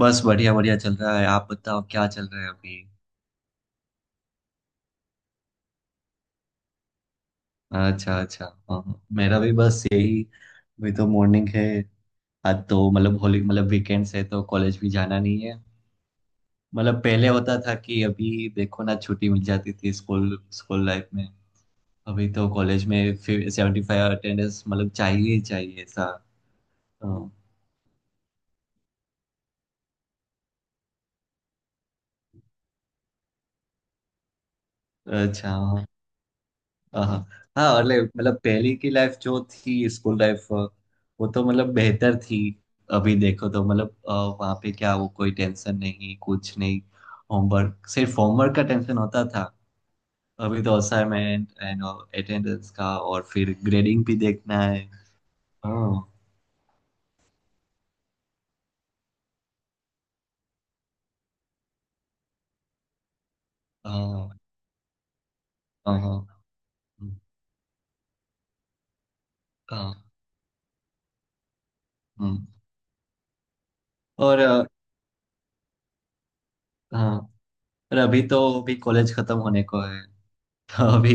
बस बढ़िया बढ़िया चल रहा है। आप बताओ क्या चल रहा है अभी। अच्छा अच्छा। हाँ हाँ। मेरा भी बस यही, अभी तो मॉर्निंग है। आज तो मतलब होली, मतलब वीकेंड्स है तो कॉलेज भी जाना नहीं है। मतलब पहले होता था कि अभी देखो ना, छुट्टी मिल जाती थी स्कूल स्कूल लाइफ में। अभी तो कॉलेज में 75 अटेंडेंस मतलब चाहिए ही चाहिए ऐसा। हाँ। अच्छा। हाँ हाँ हाँ। हाँ, मतलब पहले की लाइफ जो थी, स्कूल लाइफ, वो तो मतलब बेहतर थी। अभी देखो तो मतलब वहाँ पे क्या, वो कोई टेंशन नहीं, कुछ नहीं। होमवर्क, सिर्फ होमवर्क का टेंशन होता था। अभी तो असाइनमेंट एंड अटेंडेंस का, और फिर ग्रेडिंग भी देखना है। हाँ हाँ हाँ हाँ। हाँ, हम्म। और अ, हाँ, और अभी तो अभी कॉलेज खत्म होने को है तो अभी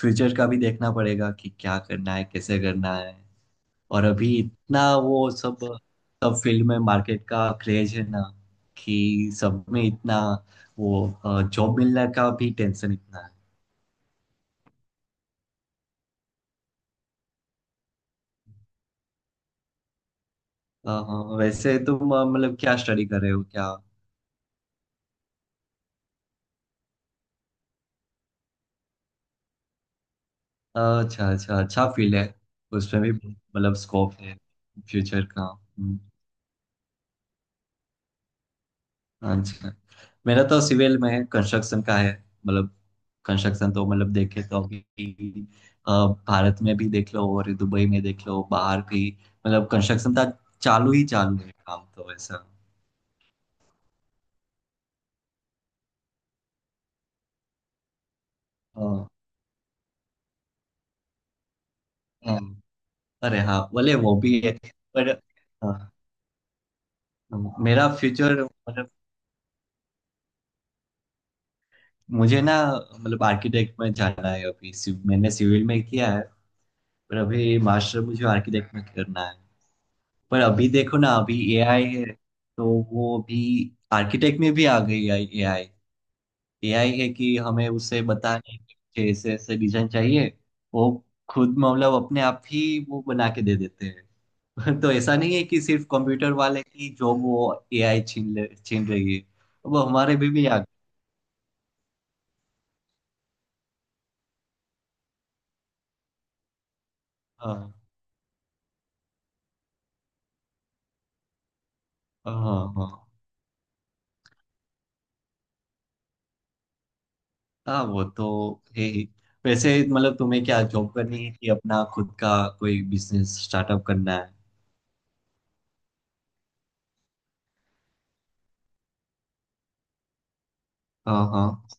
फ्यूचर का भी देखना पड़ेगा कि क्या करना है, कैसे करना है। और अभी इतना वो, सब सब फील्ड में मार्केट का क्रेज है ना, कि सब में इतना वो, जॉब मिलने का भी टेंशन इतना है। हाँ, वैसे तुम मतलब क्या स्टडी कर रहे हो क्या। अच्छा अच्छा, अच्छा फील्ड है। उसमें भी मतलब स्कोप है फ्यूचर का। हम्म। अच्छा। मेरा तो सिविल में कंस्ट्रक्शन का है। मतलब कंस्ट्रक्शन तो मतलब देखे तो अभी अ, भारत में भी देख लो और दुबई में देख लो, बाहर भी। मतलब कंस्ट्रक्शन का चालू ही चालू है, काम तो ऐसा। हाँ, हाँ, अरे हाँ बोले, वो भी है पर। हाँ, मेरा फ्यूचर मतलब, मुझे ना, मतलब आर्किटेक्ट में जाना है। अभी मैंने सिविल में किया है, पर अभी मास्टर मुझे आर्किटेक्ट में करना है। पर अभी देखो ना, अभी एआई है, तो वो अभी आर्किटेक्ट में भी आ गई है एआई। एआई है कि हमें उसे बताने कि मुझे ऐसे ऐसे डिजाइन चाहिए, वो खुद मतलब अपने आप ही वो बना के दे देते हैं तो ऐसा नहीं है कि सिर्फ कंप्यूटर वाले की जॉब वो एआई छीन रही है। अब हमारे भी आ गए। हाँ हाँ हाँ हाँ। वो तो है ही। वैसे मतलब तुम्हें क्या जॉब करनी है कि अपना खुद का कोई बिजनेस स्टार्टअप करना है। हाँ हाँ।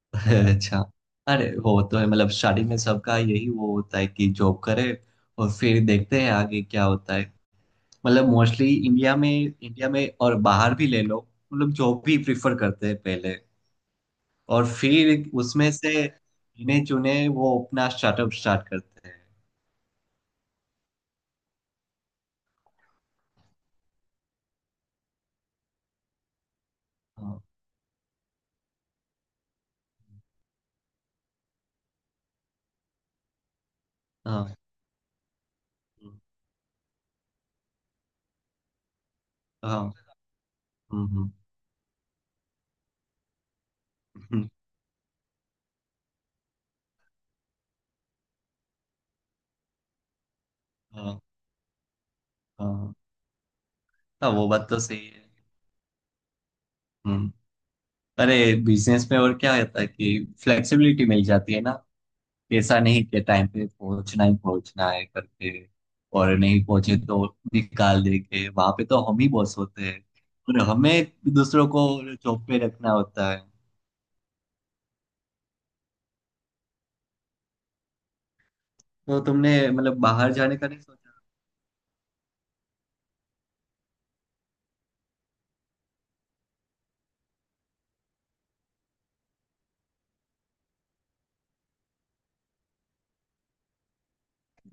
अच्छा। अरे वो तो है, मतलब स्टार्टिंग में सबका यही वो होता है कि जॉब करे, और फिर देखते हैं आगे क्या होता है। मतलब मोस्टली इंडिया में और बाहर भी ले लो, वो लोग जॉब भी प्रिफर करते हैं पहले। और फिर उसमें से गिने चुने वो अपना स्टार्टअप स्टार्ट करते हैं। हाँ हाँ हाँ। हम्म, हम्म, हम्म, हाँ हाँ। हाँ, वो बात तो सही है। हम्म। अरे बिजनेस में और क्या होता है कि फ्लेक्सिबिलिटी मिल जाती है ना। ऐसा नहीं कि टाइम पे पहुंचना ही पहुंचना है करके, और नहीं पहुंचे तो निकाल देंगे। वहां पे तो हम ही बॉस होते हैं, और हमें दूसरों को जॉब पे रखना होता है। तो तुमने मतलब बाहर जाने का नहीं सोचा।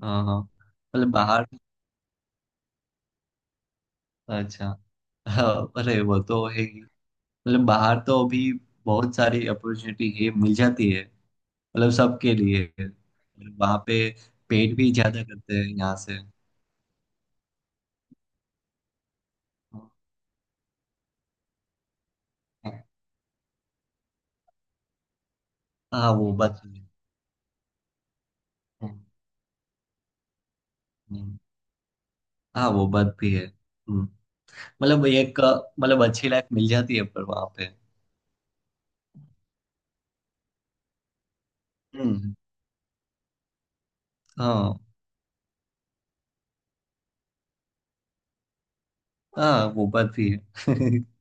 हाँ हाँ, मतलब बाहर। अच्छा। हाँ, अरे वो तो है ही। मतलब बाहर तो अभी बहुत सारी अपॉर्चुनिटी है, मिल जाती है मतलब सबके लिए। और वहाँ पे पेट भी ज्यादा करते हैं यहाँ से। हाँ वो बात तो है। हम्म, हम्म। हाँ वो बात भी है। मतलब एक मतलब अच्छी लाइफ मिल जाती है पर वहां पे। हम्म। हाँ हाँ वो बात भी है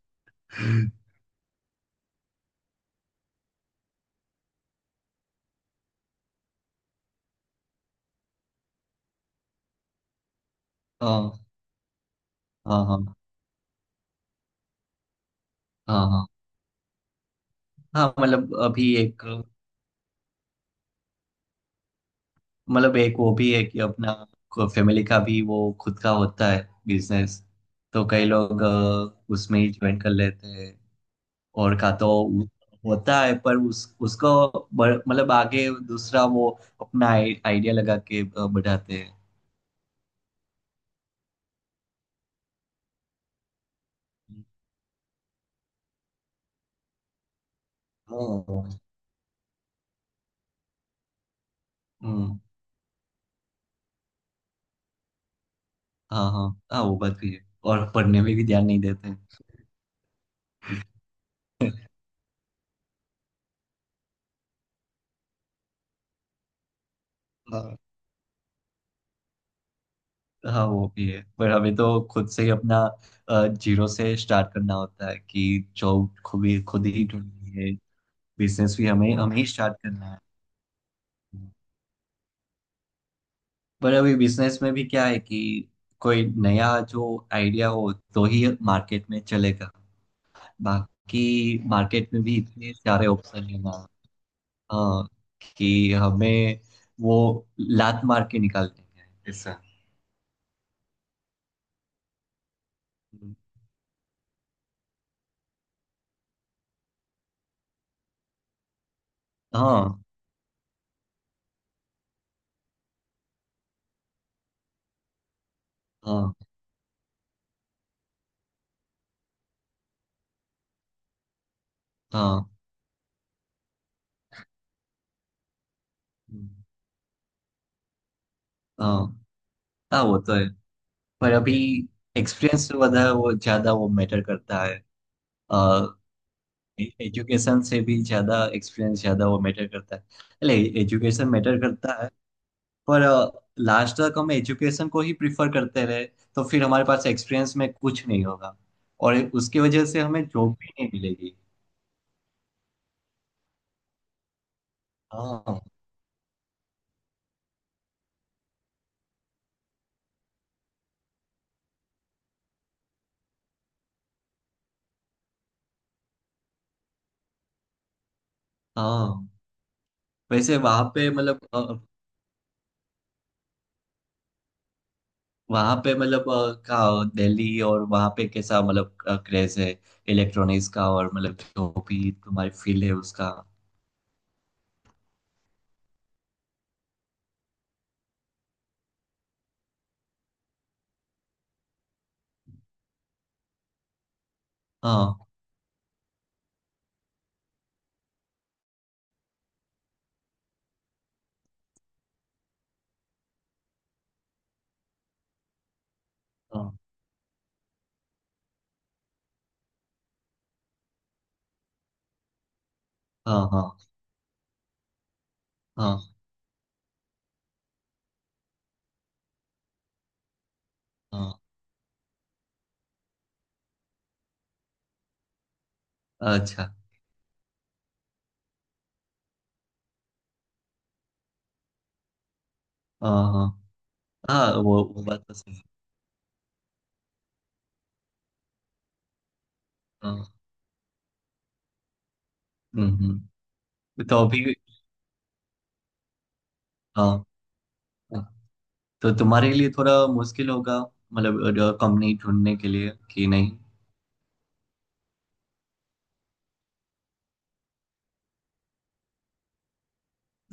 हाँ हाँ हाँ हाँ हाँ हाँ, मतलब अभी एक, मतलब एक वो भी है कि अपना फैमिली का भी वो खुद का होता है बिजनेस, तो कई लोग उसमें ही ज्वाइन कर लेते हैं। और का तो उ- होता है पर उस उसको मतलब आगे दूसरा वो अपना आइडिया लगा के बढ़ाते हैं। हाँ, हम्म, हाँ हाँ हाँ वो बात भी है, और पढ़ने में भी ध्यान नहीं देते हैं। हाँ हाँ वो भी है, पर हमें तो खुद से ही अपना जीरो से स्टार्ट करना होता है कि जॉब खुद ही ढूंढनी है। बिजनेस भी हमें हमें ही स्टार्ट करना है। पर अभी बिजनेस में भी क्या है कि कोई नया जो आइडिया हो तो ही मार्केट में चलेगा, बाकी मार्केट में भी इतने सारे ऑप्शन है ना। हाँ, कि हमें वो लात मार के निकाल देंगे ऐसा। हाँ हाँ हाँ हाँ। हाँ वो तो है, पर अभी एक्सपीरियंस से ज्यादा वो मैटर करता है। एजुकेशन से भी ज्यादा एक्सपीरियंस ज्यादा वो मैटर करता है। अरे एजुकेशन मैटर करता है, पर लास्ट तक हम एजुकेशन को ही प्रिफर करते रहे तो फिर हमारे पास एक्सपीरियंस में कुछ नहीं होगा, और उसकी वजह से हमें जॉब भी नहीं मिलेगी। हाँ हाँ। वैसे वहां पे मतलब वहां पे मतलब अ, का दिल्ली और वहां पे कैसा मतलब क्रेज है इलेक्ट्रॉनिक्स का, और मतलब जो भी तुम्हारी फील्ड है उसका। हाँ हाँ हाँ हाँ हाँ हाँ। अच्छा। हाँ हाँ हाँ, वो बात तो सही है। हाँ। हम्म हम्म। तो अभी हाँ हाँ। तो तुम्हारे लिए थोड़ा मुश्किल होगा मतलब कंपनी ढूंढने के लिए कि नहीं।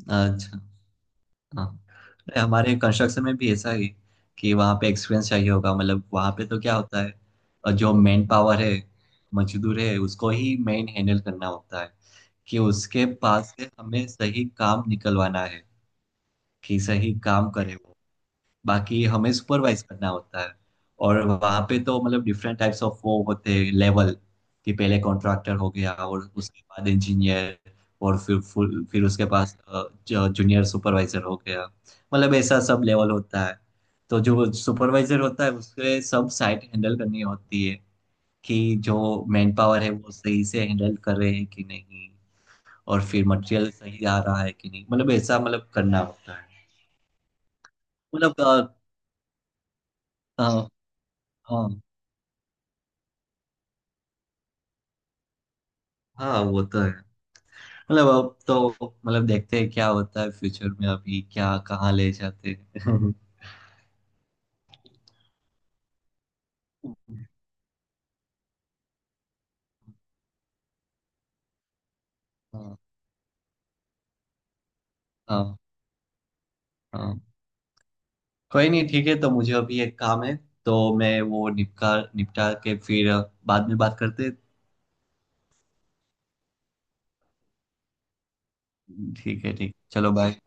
अच्छा। हाँ। अरे हमारे कंस्ट्रक्शन में भी ऐसा ही, कि वहाँ पे एक्सपीरियंस चाहिए होगा। मतलब वहाँ पे तो क्या होता है, और जो मेन पावर है, मजदूर है, उसको ही मेन हैंडल करना होता है कि उसके पास से हमें सही काम निकलवाना है, कि सही काम करे वो। बाकी हमें सुपरवाइज करना होता है। और वहाँ पे तो मतलब डिफरेंट टाइप्स ऑफ वो होते हैं लेवल, कि पहले कॉन्ट्रैक्टर हो गया और उसके बाद इंजीनियर, और फिर फुल फिर उसके पास जूनियर सुपरवाइजर हो गया, मतलब ऐसा सब लेवल होता है। तो जो सुपरवाइजर होता है उसके सब साइट हैंडल करनी होती है, कि जो मैन पावर है वो सही से हैंडल कर रहे हैं कि नहीं, और फिर मटेरियल सही आ रहा है कि नहीं, मतलब ऐसा मतलब करना होता है। मतलब अ, हाँ हाँ वो तो है, मतलब अब तो, मतलब देखते हैं क्या होता है फ्यूचर में, अभी क्या कहाँ ले जाते हैं हाँ हाँ हाँ। कोई नहीं, ठीक है, तो मुझे अभी एक काम है, तो मैं वो निपटा निपटा के फिर बाद में बात करते हैं। ठीक है, ठीक चलो बाय।